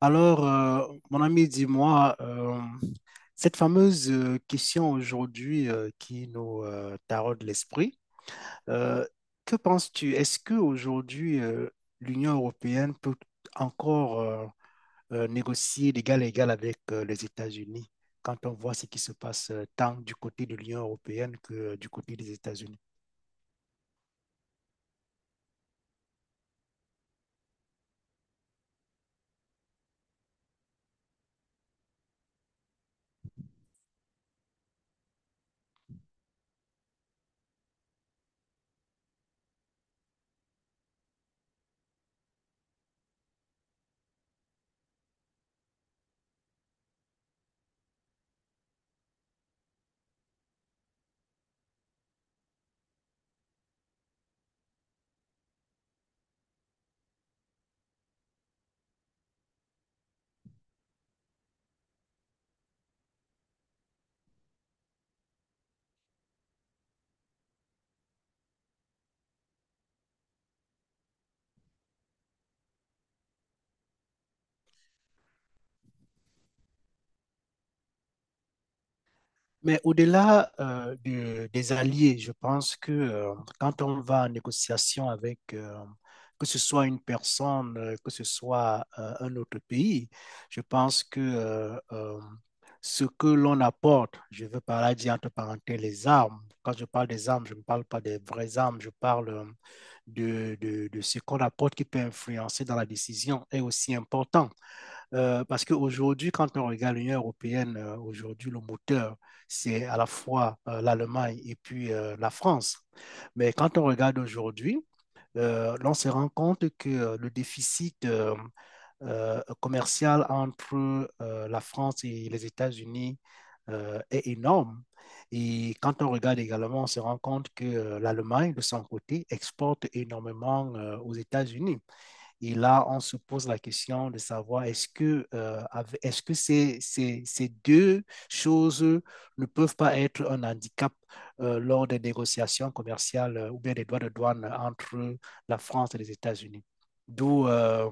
Alors, mon ami, dis-moi, cette fameuse question aujourd'hui, qui nous taraude l'esprit. Euh, que penses-tu? Est-ce que aujourd'hui, l'Union européenne peut encore négocier d'égal à égal avec les États-Unis quand on voit ce qui se passe, tant du côté de l'Union européenne que du côté des États-Unis? Mais au-delà des alliés, je pense que, quand on va en négociation avec, que ce soit une personne, que ce soit un autre pays, je pense que ce que l'on apporte, je veux par là dire entre parenthèses les armes. Quand je parle des armes, je ne parle pas des vraies armes, je parle, de ce qu'on apporte qui peut influencer dans la décision est aussi important. Parce qu'aujourd'hui, quand on regarde l'Union européenne, aujourd'hui, le moteur, c'est à la fois l'Allemagne et puis la France. Mais quand on regarde aujourd'hui, on se rend compte que le déficit commercial entre la France et les États-Unis est énorme. Et quand on regarde également, on se rend compte que l'Allemagne, de son côté, exporte énormément aux États-Unis. Et là, on se pose la question de savoir est-ce que ces deux choses ne peuvent pas être un handicap lors des négociations commerciales, ou bien des droits de douane entre la France et les États-Unis. D'où,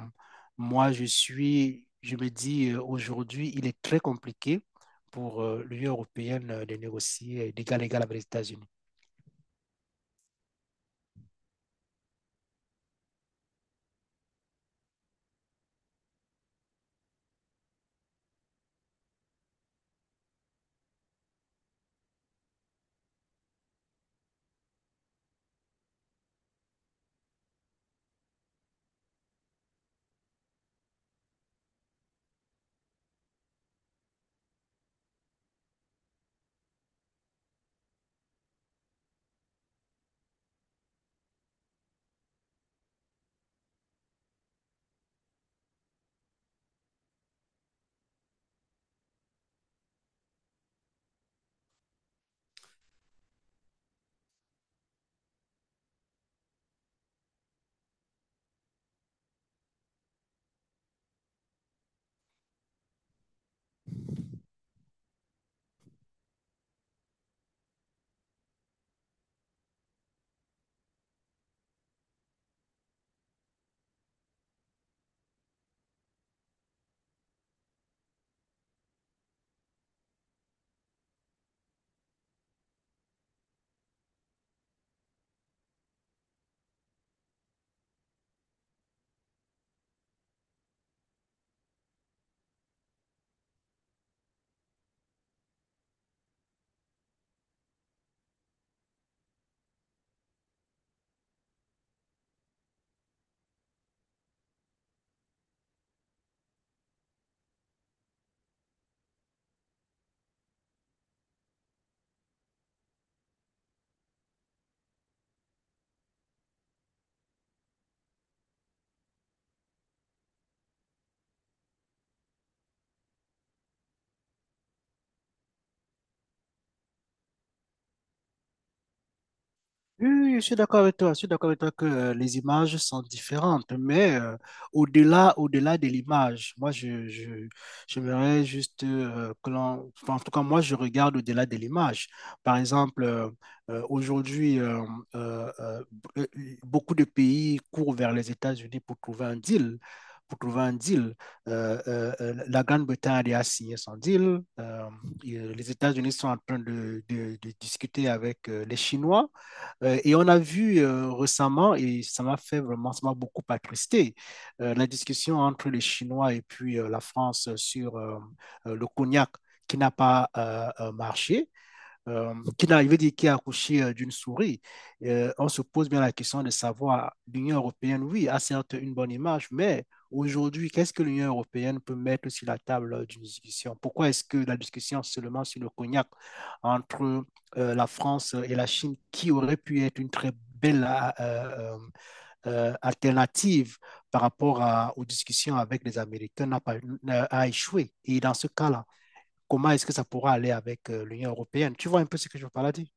moi, je suis, je me dis, aujourd'hui, il est très compliqué pour l'Union européenne de négocier d'égal à égal avec les États-Unis. Oui, oui, oui, je suis d'accord avec toi. Je suis d'accord avec toi que, les images sont différentes, mais au-delà de l'image, moi, j'aimerais juste que l'on, enfin, en tout cas, moi, je regarde au-delà de l'image. Par exemple, aujourd'hui, euh, euh, beaucoup de pays courent vers les États-Unis pour trouver un deal. Pour trouver un deal, la Grande-Bretagne a signé son deal. Et, les États-Unis sont en train de discuter avec les Chinois. Et on a vu, récemment, et ça m'a fait vraiment, ça m'a beaucoup attristé, la discussion entre les Chinois et puis la France sur le cognac qui n'a pas marché, qui, je veux dire, qui a accouché d'une souris. On se pose bien la question de savoir: l'Union européenne, oui, a certes une bonne image, mais aujourd'hui, qu'est-ce que l'Union européenne peut mettre sur la table, d'une discussion? Pourquoi est-ce que la discussion seulement sur le cognac entre la France et la Chine, qui aurait pu être une très belle, alternative par rapport aux discussions avec les Américains, n'a pas, a échoué? Et dans ce cas-là, comment est-ce que ça pourra aller avec l'Union européenne? Tu vois un peu ce que je veux par là dire?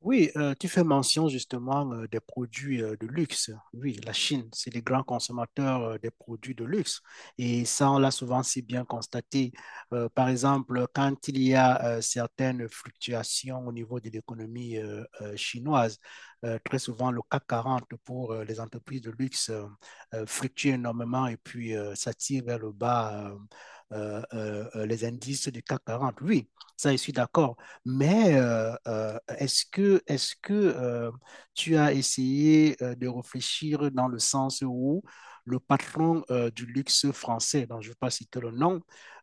Oui, tu fais mention justement des produits de luxe. Oui, la Chine, c'est les grands consommateurs des produits de luxe. Et ça, on l'a souvent si bien constaté. Par exemple, quand il y a certaines fluctuations au niveau de l'économie, chinoise, très souvent le CAC 40 pour les entreprises de luxe fluctue énormément et puis ça tire vers le bas, les indices du CAC 40. Oui, ça, je suis d'accord. Mais est-ce que tu as essayé de réfléchir dans le sens où le patron du luxe français, dont je ne vais pas citer le nom,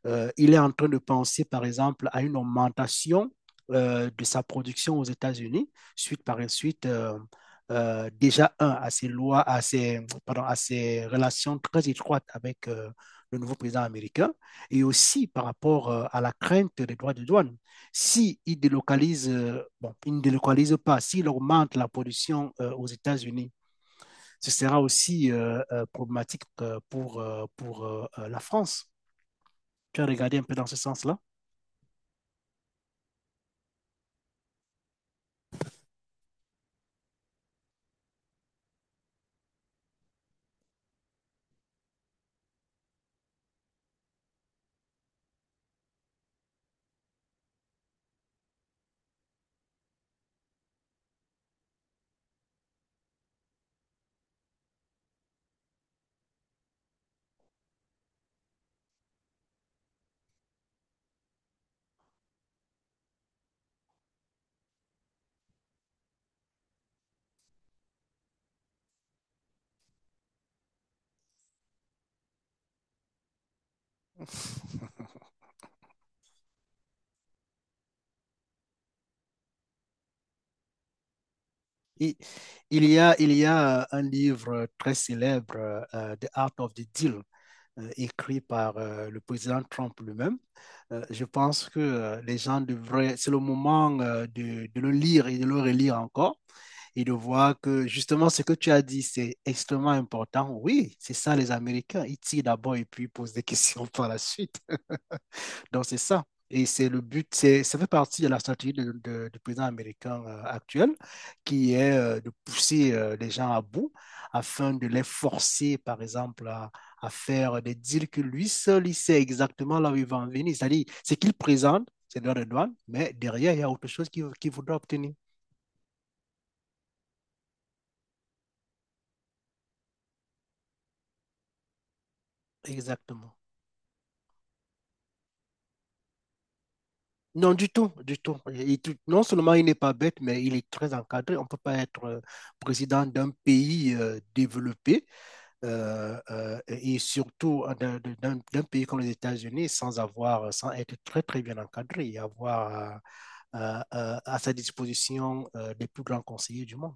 il est en train de penser, par exemple, à une augmentation de sa production aux États-Unis, suite par suite, déjà, un, à ses lois, à ses, pardon, à ses relations très étroites avec le nouveau président américain, et aussi par rapport à la crainte des droits de douane si ils délocalisent, bon, ils ne délocalisent pas, s'ils augmentent la production aux États-Unis, ce sera aussi problématique pour la France. Tu as regardé un peu dans ce sens-là? Et, il y a un livre très célèbre, The Art of the Deal, écrit par le président Trump lui-même. Je pense que, les gens devraient, c'est le moment de le lire et de le relire encore et de voir que justement ce que tu as dit, c'est extrêmement important. Oui, c'est ça les Américains. Ils tirent d'abord et puis ils posent des questions par la suite. Donc, c'est ça. Et c'est le but, ça fait partie de la stratégie du président américain actuel, qui est de pousser les gens à bout afin de les forcer, par exemple, à faire des deals que lui seul, il sait exactement là où il va en venir. C'est-à-dire, ce qu'il présente, c'est droit de douane, mais derrière, il y a autre chose qu'il voudra obtenir. Exactement. Non, du tout, du tout. Non seulement il n'est pas bête, mais il est très encadré. On ne peut pas être président d'un pays développé, et surtout d'un pays comme les États-Unis sans avoir, sans être très très bien encadré et avoir à sa disposition les plus grands conseillers du monde.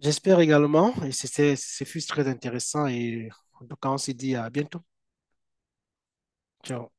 J'espère également, et ce fut très intéressant, et en tout cas, on se dit à bientôt. Ciao.